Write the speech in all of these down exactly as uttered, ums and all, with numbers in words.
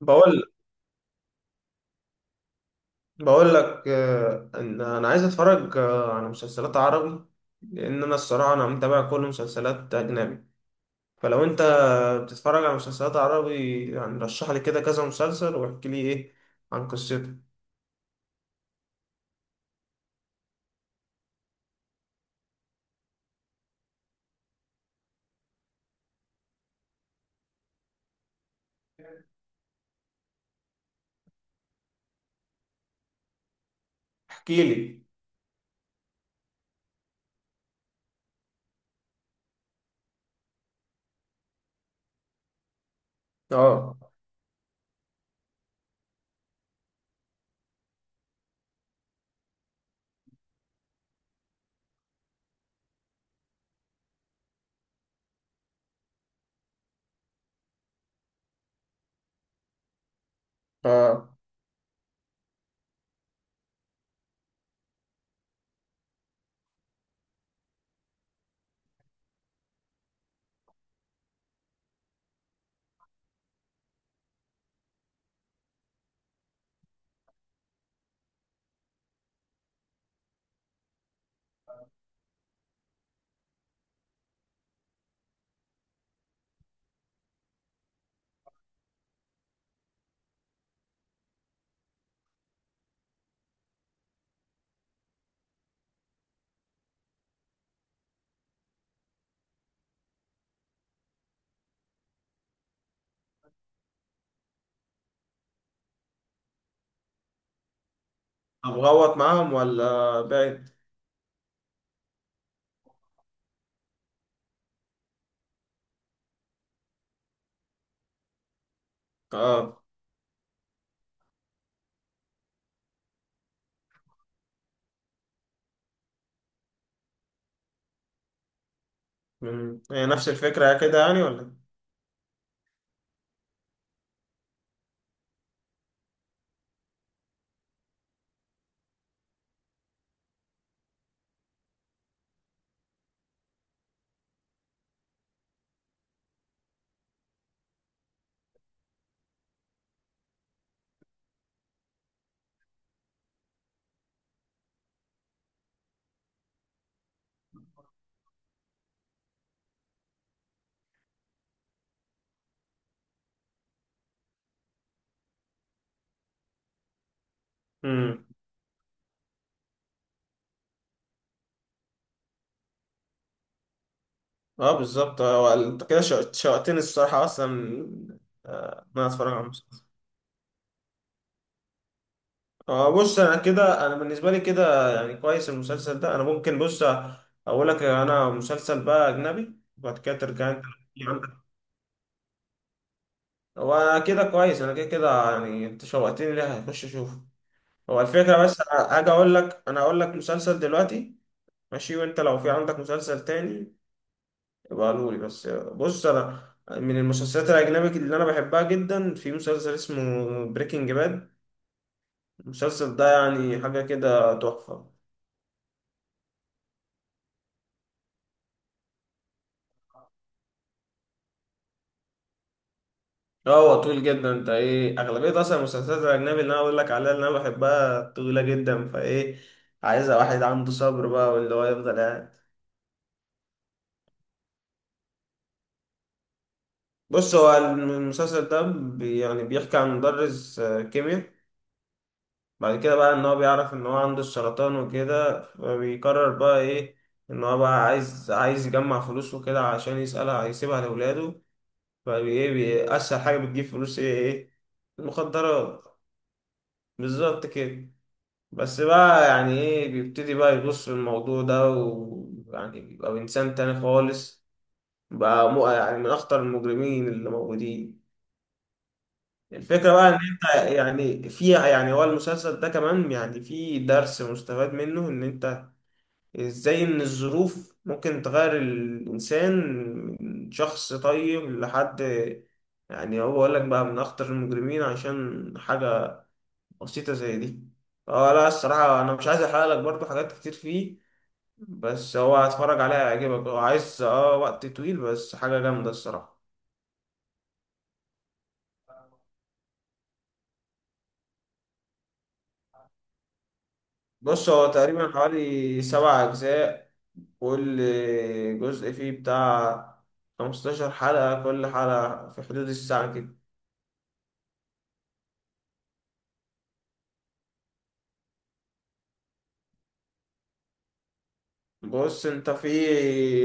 بقول بقول لك، آه، ان انا عايز اتفرج، آه، على مسلسلات عربي. لان انا الصراحه انا متابع كل مسلسلات اجنبي. فلو انت بتتفرج على مسلسلات عربي، يعني رشح لي كده كذا مسلسل واحكي لي ايه عن قصته. احكي لي. اه. اه. ابغوط معاهم ولا بعد. اه. مم. هي نفس الفكره كده يعني ولا. امم. اه، بالظبط. آه، وال- انت كده شوق- شوقتني الصراحه اصلا، آه، ان انا اتفرج على مسلسل. اه، بص. انا كده، انا بالنسبه لي كده يعني كويس المسلسل ده، انا ممكن. بص اقول لك، انا مسلسل بقى اجنبي وبعد كده ترجع انت تحكي عندك. هو كده كويس، انا كده كده يعني انت شوقتني، ليه هخش اشوفه. هو الفكره بس. أنا هاجي اقول لك، انا اقول لك مسلسل دلوقتي. ماشي. وانت لو في عندك مسلسل تاني يبقى قولولي. بس بص، انا من المسلسلات الاجنبي اللي انا بحبها جدا في مسلسل اسمه بريكنج باد. المسلسل ده يعني حاجه كده تحفه. اه، هو طويل جدا. انت ايه، اغلبيه اصلا المسلسلات الاجنبي اللي انا بقول لك عليها اللي انا بحبها طويله جدا، فايه عايزه واحد عنده صبر بقى واللي هو يفضل قاعد. بص هو المسلسل ده بي يعني بيحكي عن مدرس آه، كيمياء. بعد كده بقى ان هو بيعرف ان هو عنده السرطان وكده، فبيقرر بقى ايه؟ ان هو بقى عايز عايز يجمع فلوس وكده عشان يسألها هيسيبها لاولاده. فايه، بي- اسهل حاجه بتجيب فلوس ايه؟ ايه؟ المخدرات. بالظبط كده. بس بقى يعني ايه، بيبتدي بقى يغوص في الموضوع ده ويعني بيبقى انسان تاني خالص، بقى مو يعني من اخطر المجرمين اللي موجودين. الفكرة بقى ان انت يعني فيها، يعني هو المسلسل ده كمان يعني فيه درس مستفاد منه، ان انت ازاي ان الظروف ممكن تغير الانسان من شخص طيب لحد يعني هو بقول لك بقى من اخطر المجرمين عشان حاجة بسيطة زي دي. اه لا، الصراحة انا مش عايز احرق لك برضو حاجات كتير فيه، بس هو هتفرج عليها هيعجبك. هو عايز اه وقت طويل بس حاجة جامدة الصراحة. بص هو تقريبا حوالي سبع أجزاء، كل جزء فيه بتاع خمستاشر حلقة، كل حلقة في حدود الساعة كده. بص انت في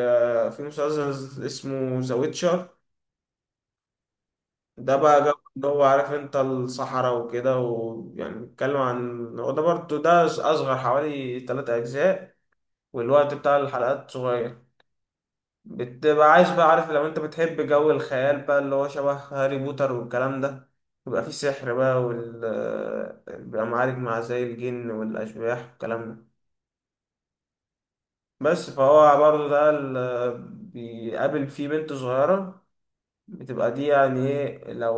آه، في مسلسل اسمه ذا ويتشر. ده بقى جو اللي هو عارف انت الصحراء وكده، ويعني بيتكلم عن هو ده برضه، ده أصغر، حوالي تلات أجزاء والوقت بتاع الحلقات صغير. بتبقى عايش بقى عارف، لو انت بتحب جو الخيال بقى اللي هو شبه هاري بوتر والكلام ده، يبقى فيه سحر بقى وال آه، بيبقى معارك مع زي الجن والأشباح والكلام ده. بس فهو برضه ده ال- بيقابل فيه بنت صغيرة، بتبقى دي يعني ايه لو،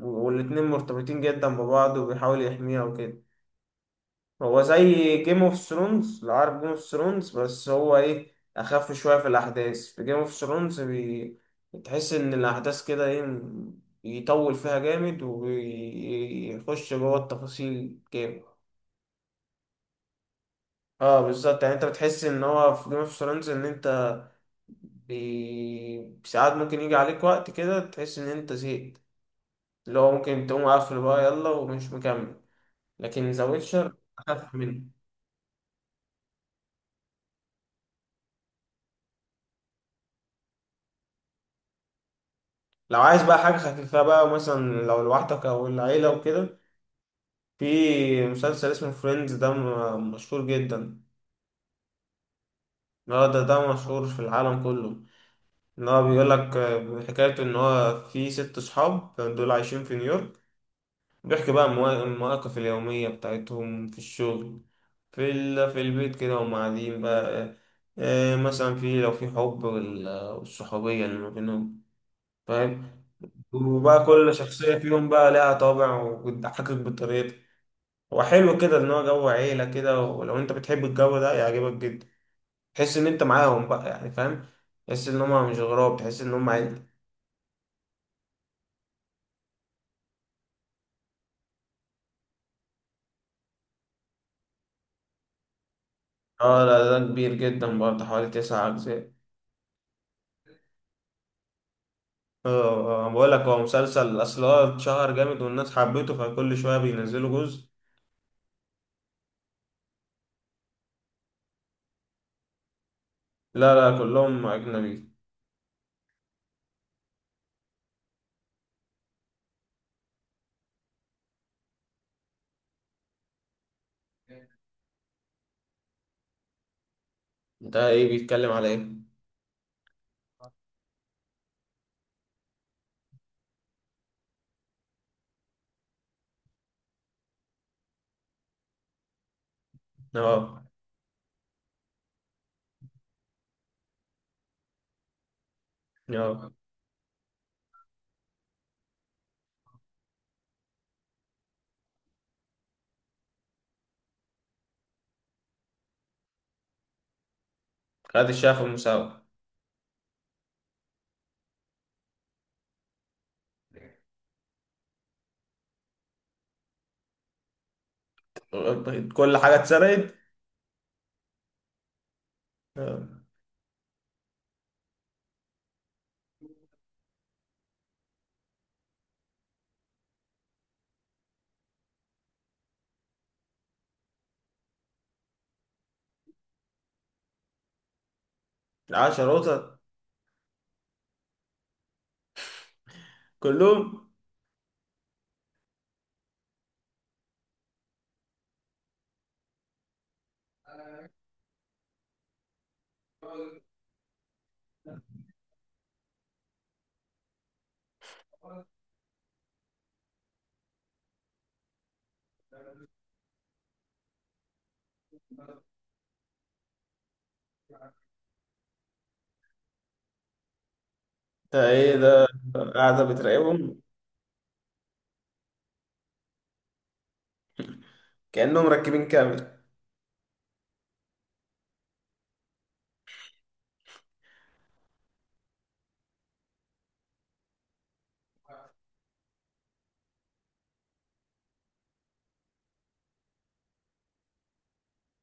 والاتنين مرتبطين جدا ببعض وبيحاول يحميها وكده. هو زي جيم اوف ثرونز، لو عارف جيم اوف ثرونز، بس هو ايه اخف شويه في الاحداث. في جيم اوف ثرونز بي... تحس ان الاحداث كده ايه، م- يطول فيها جامد ويخش جوه التفاصيل جامد. اه بالظبط، يعني انت بتحس ان هو في جيم اوف ثرونز ان انت بي... ساعات ممكن يجي عليك وقت كده تحس ان انت زهقت، اللي هو ممكن تقوم قافل بقى يلا ومش مكمل. لكن ذا ويتشر اخف منه. لو عايز بقى حاجة خفيفة بقى، مثلا لو لوحدك أو العيلة وكده، في مسلسل اسمه فريندز. ده م- مشهور جدا، هو ده ده مشهور في العالم كله. إن هو بيقول لك آه، حكايته إن هو في ست صحاب دول عايشين في نيويورك، بيحكي بقى الموا- المواقف اليومية بتاعتهم في الشغل، في ال... في البيت كده وهم قاعدين بقى، آه، آه، مثلا في لو في حب وال- والصحوبية اللي ما بينهم، فاهم. وبقى كل شخصية فيهم بقى لها طابع وبتضحكك بطريقتها. هو حلو كده ان هو جو عيله كده، ولو انت بتحب الجو ده يعجبك جدا، تحس ان انت معاهم بقى يعني، فاهم. تحس ان هم مش غراب، تحس ان هم عيلة. اه لا، ده كبير جدا برضه، حوالي تسع اجزاء. اه. آه، بقول لك، هو مسلسل اصل هو اتشهر جامد والناس حبته، فكل شويه بينزلوا جزء. لا لا، كلهم اجنبي. ده ايه بيتكلم على ايه؟ اه. اه. خد الشاف المساواه. كل حاجه اتسرقت. آه، عشر قطط. كلهم. ده ايه ده؟ قاعدة بتراقبهم. كأنهم مركبين كامل.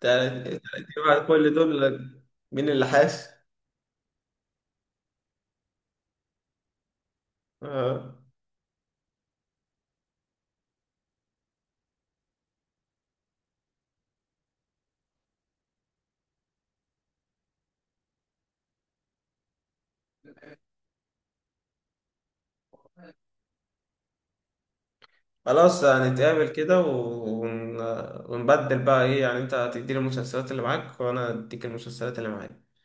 تلات تلات؟ بعد كل دول لك؟ مين اللي حاس؟ آه. خلاص، هنتقابل كده ون... ونبدل بقى ايه، يعني انت هتديني المسلسلات اللي معاك وانا اديك المسلسلات اللي معايا.